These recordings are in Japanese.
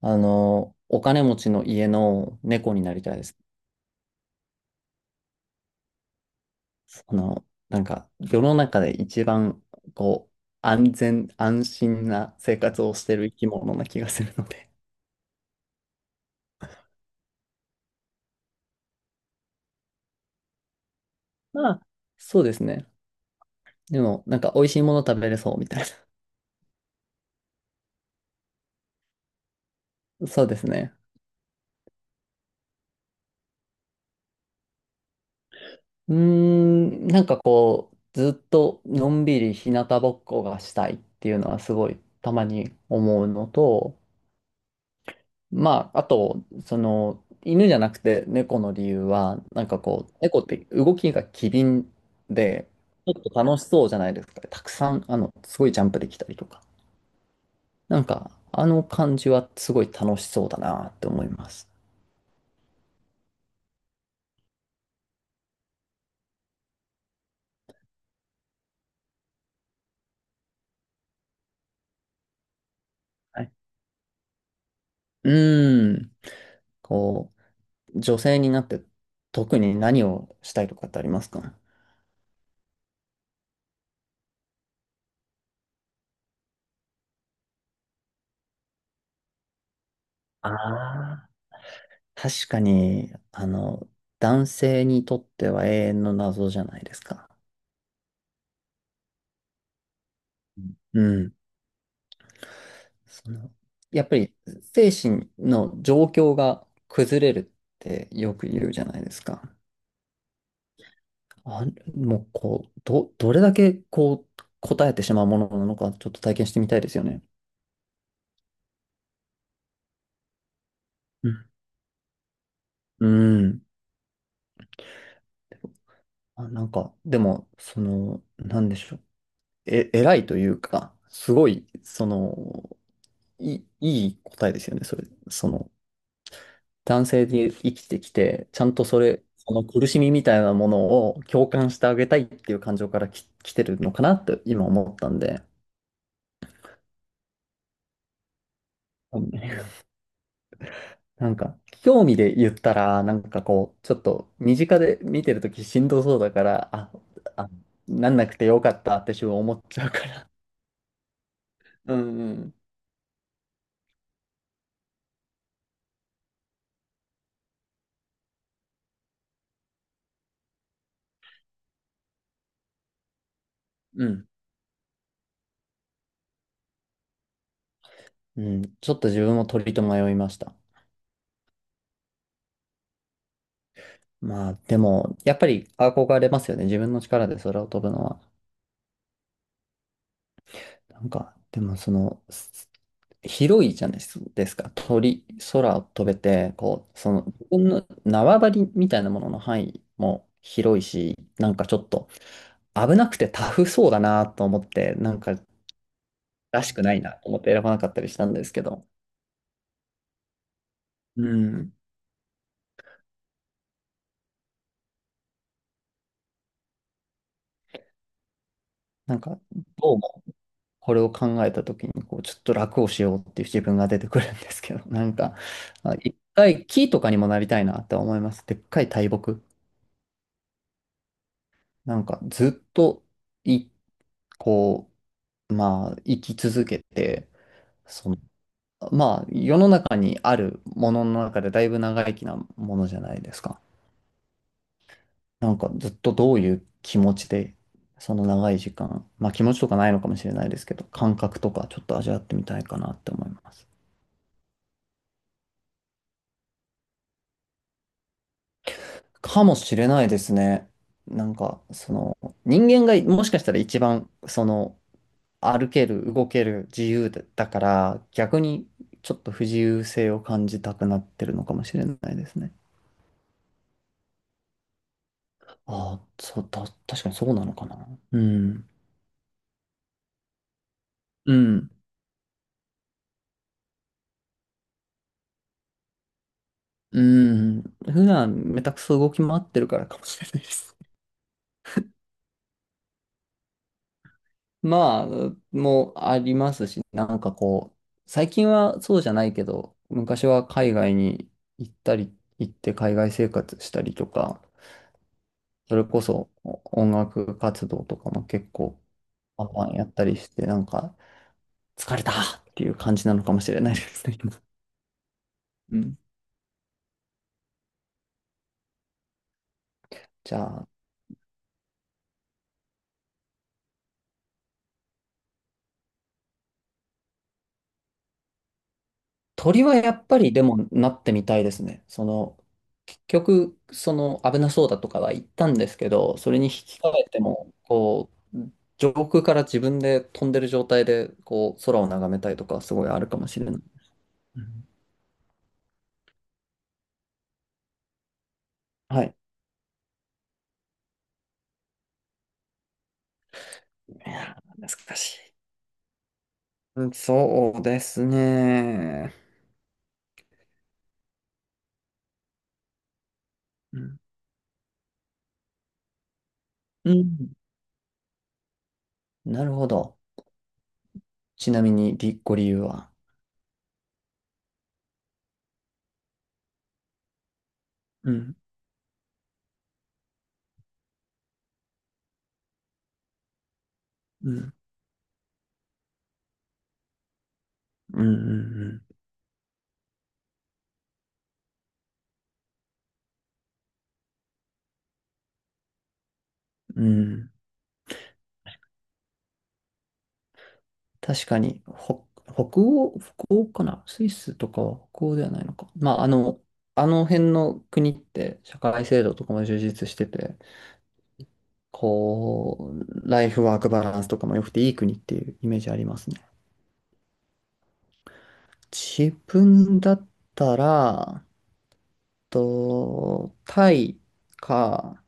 お金持ちの家の猫になりたいです。なんか、世の中で一番、こう、安全、安心な生活をしてる生き物な気がするので。まあ、そうですね。でも、なんか、美味しいもの食べれそうみたいな。そうですね。なんかこう、ずっとのんびり日向ぼっこがしたいっていうのはすごいたまに思うのと、まあ、あと、その、犬じゃなくて猫の理由は、なんかこう、猫って動きが機敏で、ちょっと楽しそうじゃないですか。たくさん、すごいジャンプできたりとか。なんか、あの感じはすごい楽しそうだなって思います。はい。うーん。こう、女性になって特に何をしたいとかってありますか？ああー。確かに、男性にとっては永遠の謎じゃないですか。うん。その、やっぱり精神の状況が崩れるってよく言うじゃないですか。あ、もうこう、どれだけこう答えてしまうものなのかちょっと体験してみたいですよね。うん。うん。なんか、でも、その、なんでしょう。偉いというか、すごい、その、いい答えですよね、それ。その、男性で生きてきて、ちゃんとそれ、その苦しみみたいなものを共感してあげたいっていう感情から来てるのかなって今思ったんで、うん。なんか、興味で言ったら、なんかこう、ちょっと身近で見てるときしんどそうだから、あ、なんなくてよかったって自分思っちゃうから。うんうん。うん。うん。ちょっと自分も鳥と迷いました。まあ、でも、やっぱり憧れますよね。自分の力で空を飛ぶのは。なんか、でもその、広いじゃないですか。鳥、空を飛べて、こう、その、自分の縄張りみたいなものの範囲も広いし、なんかちょっと危なくてタフそうだなと思って、なんからしくないなと思って選ばなかったりしたんですけど、うん。なんか、どうも、これを考えた時に、こう、ちょっと楽をしようっていう自分が出てくるんですけど、なんか、一回木とかにもなりたいなって思います。でっかい大木。なんか、ずっと、いこう、まあ、生き続けて、その、まあ、世の中にあるものの中でだいぶ長生きなものじゃないですか。なんかずっとどういう気持ちで、その長い時間、まあ気持ちとかないのかもしれないですけど、感覚とかちょっと味わってみたいかなって思います。かもしれないですね。なんか、その、人間がもしかしたら一番、その、歩ける、動ける、自由だから、逆にちょっと不自由性を感じたくなってるのかもしれないですね。ああ、そう、確かにそうなのかな。うん。うん。うん。普段、めたくそ動き回ってるからかもしれないです。まあ、もうありますし、なんかこう、最近はそうじゃないけど、昔は海外に行ったり、行って海外生活したりとか、それこそ音楽活動とかも結構、パンパンやったりして、なんか、疲れたっていう感じなのかもしれないですね。今。うん。じゃあ、鳥はやっぱりでもなってみたいですね。その、結局、その危なそうだとかは言ったんですけど、それに引き換えても、こう、上空から自分で飛んでる状態で、こう、空を眺めたいとか、すごいあるかもしれない。うん。はい。いやー、難しい。うん。そうですね。うん。うん。なるほど。ちなみに、ご理由は？うん、うん、うん、うん、うん。うん。確かに、ほ、北欧、北欧かなスイスとかは北欧ではないのか。まあ、あの辺の国って社会制度とかも充実してて、こう、ライフワークバランスとかも良くていい国っていうイメージありますね。自分だったら、タイか、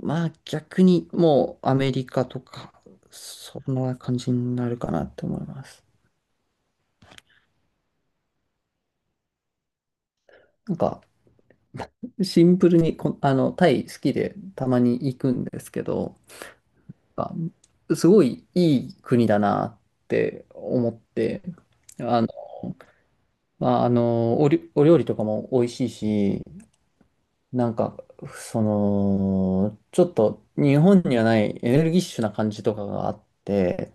まあ逆にもうアメリカとか、そんな感じになるかなって思います。なんか、シンプルにタイ好きでたまに行くんですけど、あすごいいい国だなって思って、あの、まあ、お料理とかも美味しいし、なんか、その、ちょっと日本にはないエネルギッシュな感じとかがあって、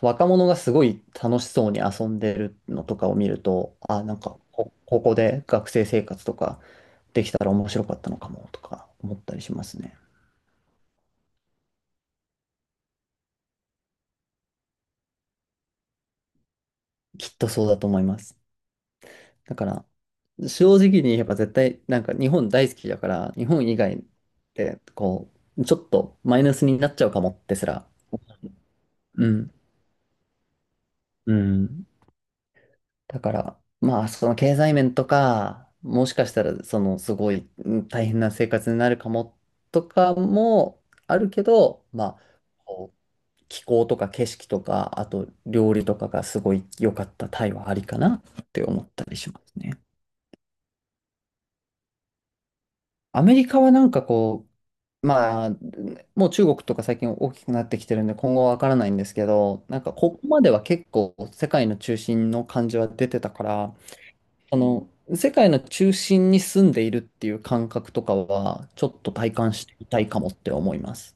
若者がすごい楽しそうに遊んでるのとかを見ると、なんか、ここで学生生活とかできたら面白かったのかもとか思ったりしますね。きっとそうだと思います。だから、正直に言えば絶対、なんか日本大好きだから、日本以外で、こう、ちょっとマイナスになっちゃうかもってすら。うん。うん。だから、まあ、その経済面とか、もしかしたら、その、すごい大変な生活になるかもとかもあるけど、まあ、こう気候とか景色とか、あと料理とかがすごい良かったタイはありかなって思ったりしますね。アメリカはなんかこう、まあ、もう中国とか最近大きくなってきてるんで、今後はわからないんですけど、なんかここまでは結構世界の中心の感じは出てたから、あの、世界の中心に住んでいるっていう感覚とかは、ちょっと体感してみたいかもって思います。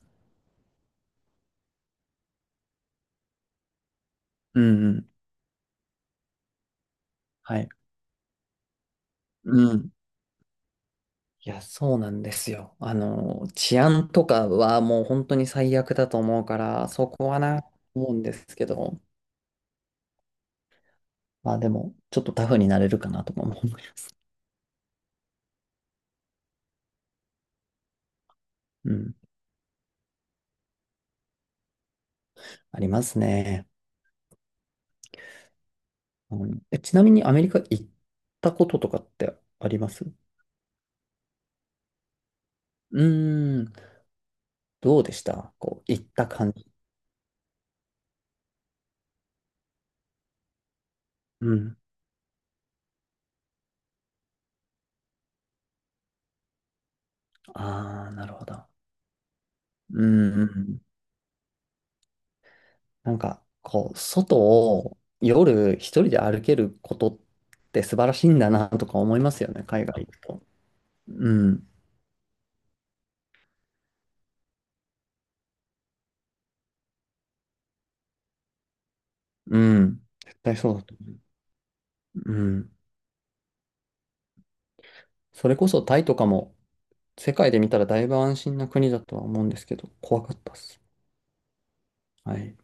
うんうん。はい。うん。いや、そうなんですよ。治安とかはもう本当に最悪だと思うから、そこは思うんですけど、まあでも、ちょっとタフになれるかなとかも思います。うん。ありますね。うん、ちなみにアメリカ行ったこととかってありますう？ーん、どうでしたこう、行った感じ？うん。ああ、なるほど。うんうんうん。なんか、こう、外を夜一人で歩けることって素晴らしいんだなとか思いますよね、海外行くと。うん、うん。絶対そうだと思う。うん。それこそタイとかも世界で見たらだいぶ安心な国だとは思うんですけど、怖かったっす。はい。